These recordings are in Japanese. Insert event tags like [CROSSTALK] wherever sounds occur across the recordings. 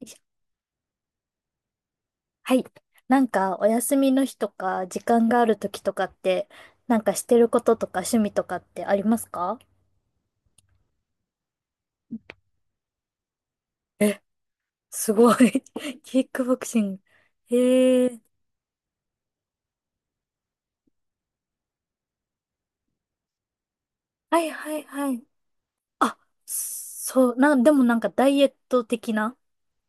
いしょはい。なんか、お休みの日とか、時間がある時とかって、なんかしてることとか趣味とかってありますか？え、すごい。[LAUGHS] キックボクシング。へえ。はいはいはい。あ、でもなんかダイエット的な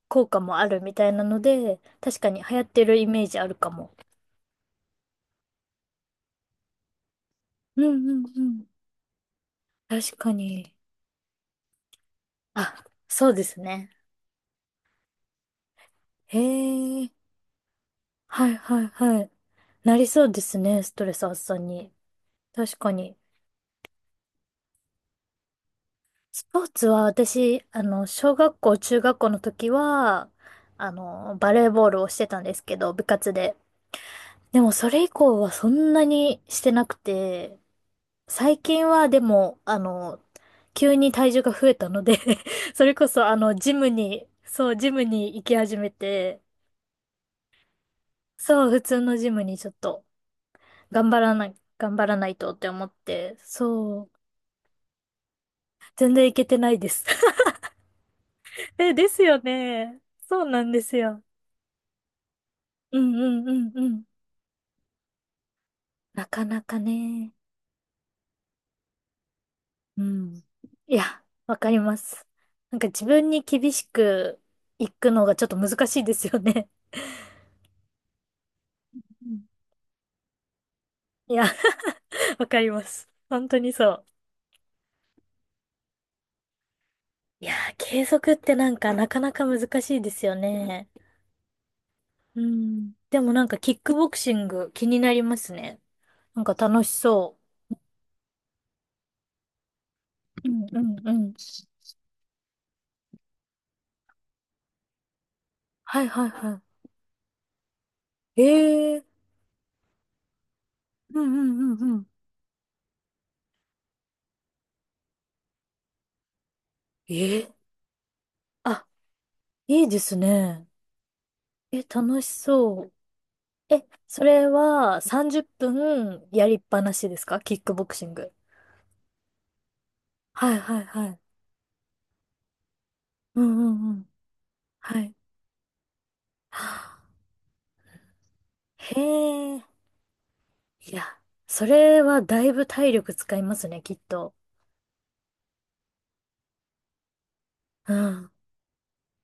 効果もあるみたいなので、確かに流行ってるイメージあるかも。うんうんうん。確かに。あ、そうですね。へえ。はいはいはい。なりそうですね、ストレス発散に。確かに。スポーツは私、小学校、中学校の時は、バレーボールをしてたんですけど、部活で。でもそれ以降はそんなにしてなくて、最近はでも、急に体重が増えたので [LAUGHS] それこそあの、ジムに行き始めて、そう、普通のジムにちょっと、頑張らないとって思って、そう、全然行けてないです [LAUGHS] え、ですよね。そうなんですよ。うんうんうんうん。なかなかね。うん。いや、わかります。なんか自分に厳しくいくのがちょっと難しいですよね。うん。いや、[LAUGHS] わかります。本当にそう。いやー、継続ってなんかなかなか難しいですよね。うん。でもなんかキックボクシング気になりますね。なんか楽しそう。うんうんうん。はいはいはい。ええー。うんうんうんうん。ええ。あ、いいですね。え、楽しそう。え、それは30分やりっぱなしですかキックボクシング。はいはいはい。うんうんうん。はい。はあ。へえ。いや、それはだいぶ体力使いますね、きっと。うん。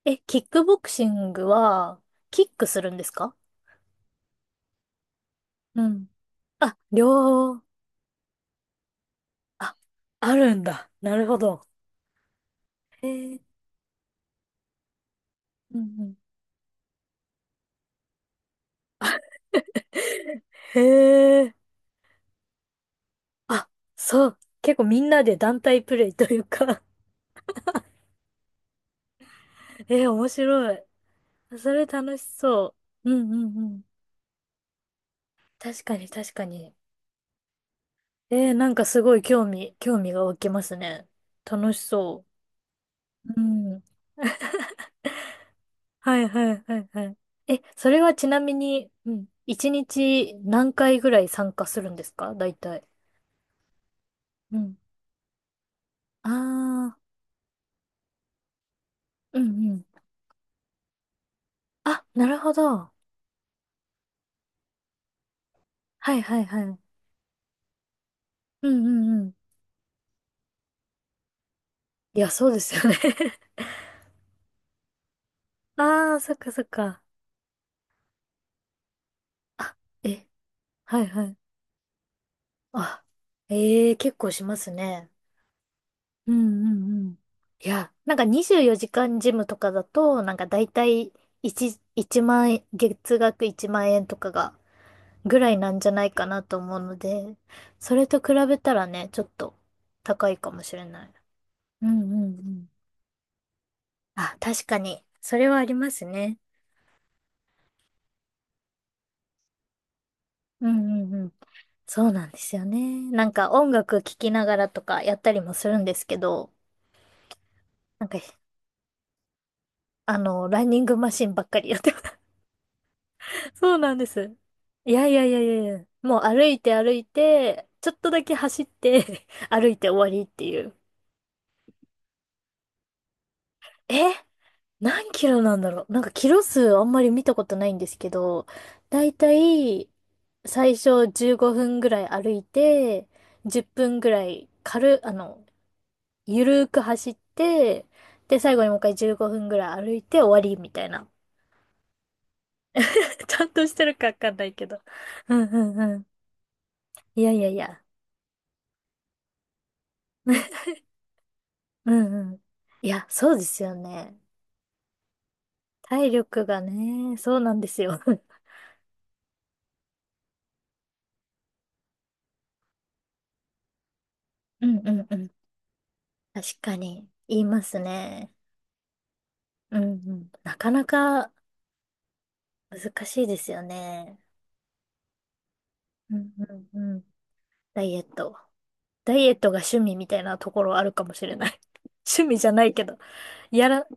え、キックボクシングは、キックするんですか？うん。あ、両、あ、あるんだ。なるほど。へえ。うんうん。へえ。あ、そう。結構みんなで団体プレイというか。 [LAUGHS] え面白い。それ楽しそう。うんうんうん。確かに確かに。えー、なんかすごい興味が湧きますね。楽しそう。うん。はいはいはいはい。え、それはちなみに、うん。一日何回ぐらい参加するんですか大体。うん。ああ、うんうん。あ、なるほど。はいはいはい。うんうんうん。いや、そうですよね。 [LAUGHS] ああ、そっかそっか。あ、え、はいはい。あ、ええ結構しますね。うんうんうん。いや、なんか24時間ジムとかだと、なんかだ大い1、1万円、月額1万円とかがぐらいなんじゃないかなと思うので、それと比べたらね、ちょっと高いかもしれない。うんうんうん。あ、確かに。それはありますね。うんうんうん。そうなんですよね。なんか音楽聴きながらとかやったりもするんですけど、なんか、ランニングマシンばっかりやって。そうなんです。いやいやいやいやいや。もう歩いて歩いて、ちょっとだけ走って [LAUGHS] 歩いて終わりっていう。え、何キロなんだろう、なんかキロ数あんまり見たことないんですけど、だいたい最初15分ぐらい歩いて、10分ぐらい軽、あの、ゆるーく走って、で、最後にもう一回15分ぐらい歩いて終わりみたいな。[LAUGHS] ちゃんとしてるかわかんないけど。うんうんうん。いやいやいや。うんうん。いや、そうですよね。体力がね、そうなんですよ。[LAUGHS] うんうんうん。確かに、言いますね。うんうん。なかなか難しいですよね。うんうんうん。ダイエット。ダイエットが趣味みたいなところあるかもしれない。[LAUGHS] 趣味じゃないけど。やら、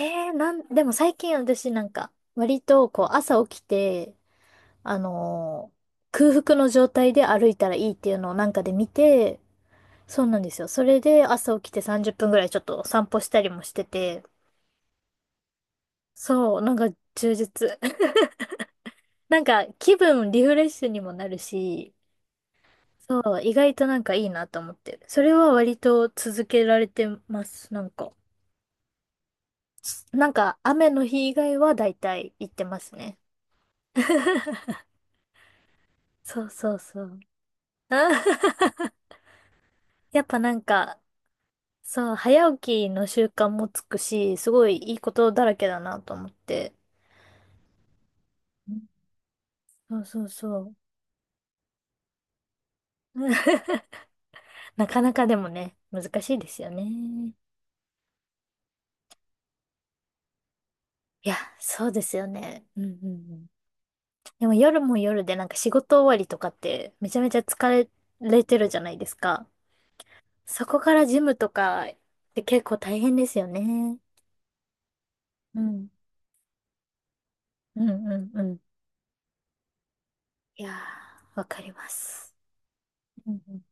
えー、なん、でも最近私なんか、割とこう朝起きて、あのー空腹の状態で歩いたらいいっていうのをなんかで見て、そうなんですよ。それで朝起きて30分ぐらいちょっと散歩したりもしてて、そう、なんか充実。[LAUGHS] なんか気分リフレッシュにもなるし、そう、意外となんかいいなと思って。それは割と続けられてます、なんか。なんか雨の日以外は大体行ってますね。[LAUGHS] そうそうそう。あ。 [LAUGHS] やっぱなんか、そう、早起きの習慣もつくし、すごいいいことだらけだなと思って。うん。そうそうそう。[LAUGHS] なかなかでもね、難しいですよね。いや、そうですよね。うんうんうん。でも夜も夜でなんか仕事終わりとかってめちゃめちゃ疲れてるじゃないですか。そこからジムとかって結構大変ですよね。うん。うんうんうん。いやー、わかります。うんうん、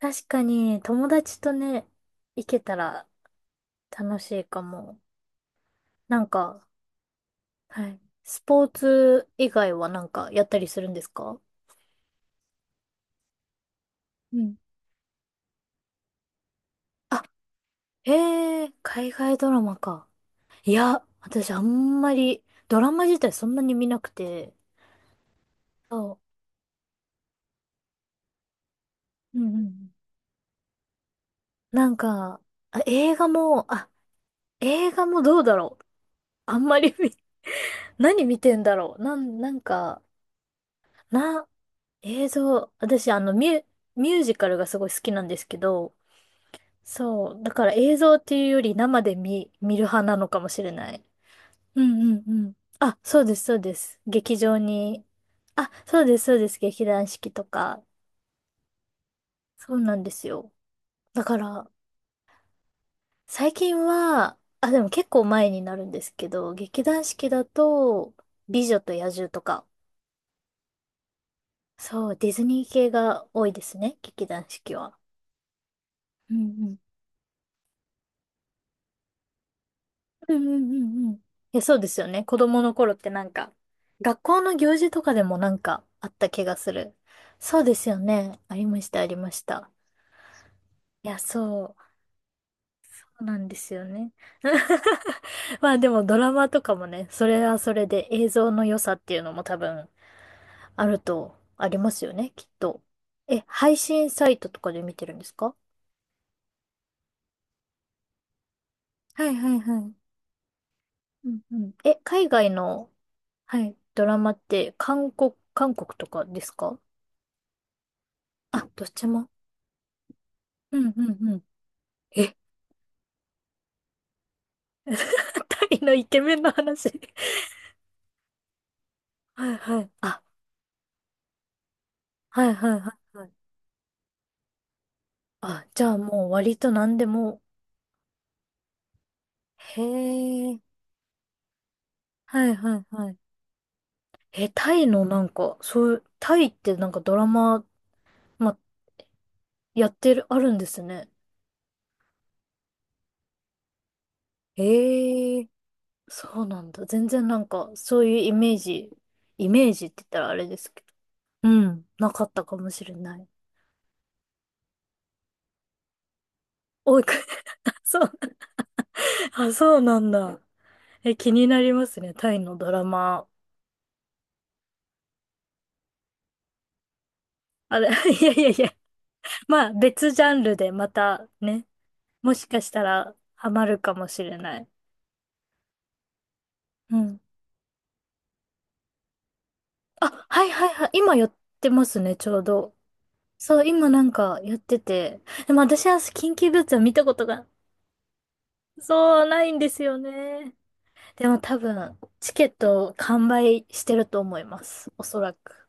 確かに友達とね、行けたら楽しいかも。なんか、はい。スポーツ以外はなんかやったりするんですか？うん。あ、へえ、海外ドラマか。いや、私あんまり、ドラマ自体そんなに見なくて、そう。うんうんうん。なんか、あ、映画も、あ、映画もどうだろう。あんまり見、[LAUGHS] 何見てんだろう。なん、なんか、な、映像、私あの、ミュ、ミュージカルがすごい好きなんですけど、そう。だから映像っていうより生で見、見る派なのかもしれない。うんうんうん。あ、そうです、そうです。劇場に。あ、そうです、そうです。劇団四季とか。そうなんですよ。だから、最近は、あ、でも結構前になるんですけど、劇団四季だと、美女と野獣とか。そう、ディズニー系が多いですね、劇団四季は。うんうん。うんうんうんうん。いや、そうですよね。子供の頃ってなんか、学校の行事とかでもなんかあった気がする。そうですよね。ありました、ありました。いや、そう。そうなんですよね。[LAUGHS] まあでもドラマとかもね、それはそれで映像の良さっていうのも多分あると、ありますよね、きっと。え、配信サイトとかで見てるんですか？はいはいはい。うんうん。え、海外の、はい、ドラマって韓国とかですか？あ、どっちも。うんうんうん。え、[LAUGHS] 大のイケメンの話。はいはい。あ、はいはいはいはい。あ、じゃあもう割と何でも。へえ。はいはいはい。え、タイのなんか、そういう、タイってなんかドラマ、ま、やってる、あるんですね。ええ。そうなんだ。全然なんか、そういうイメージって言ったらあれですけど。うん、なかったかもしれない。[LAUGHS] おい、[LAUGHS] そう、あ、そうなんだ。え、気になりますね、タイのドラマ。あれ、[LAUGHS] いやいやいや、まあ別ジャンルでまたね、もしかしたらハマるかもしれない。うん。あ、はいはいはい。今やってますね、ちょうど。そう、今なんかやってて。でも私は緊急ブーツは見たことが、そう、ないんですよね。でも多分、チケット完売してると思います。おそらく。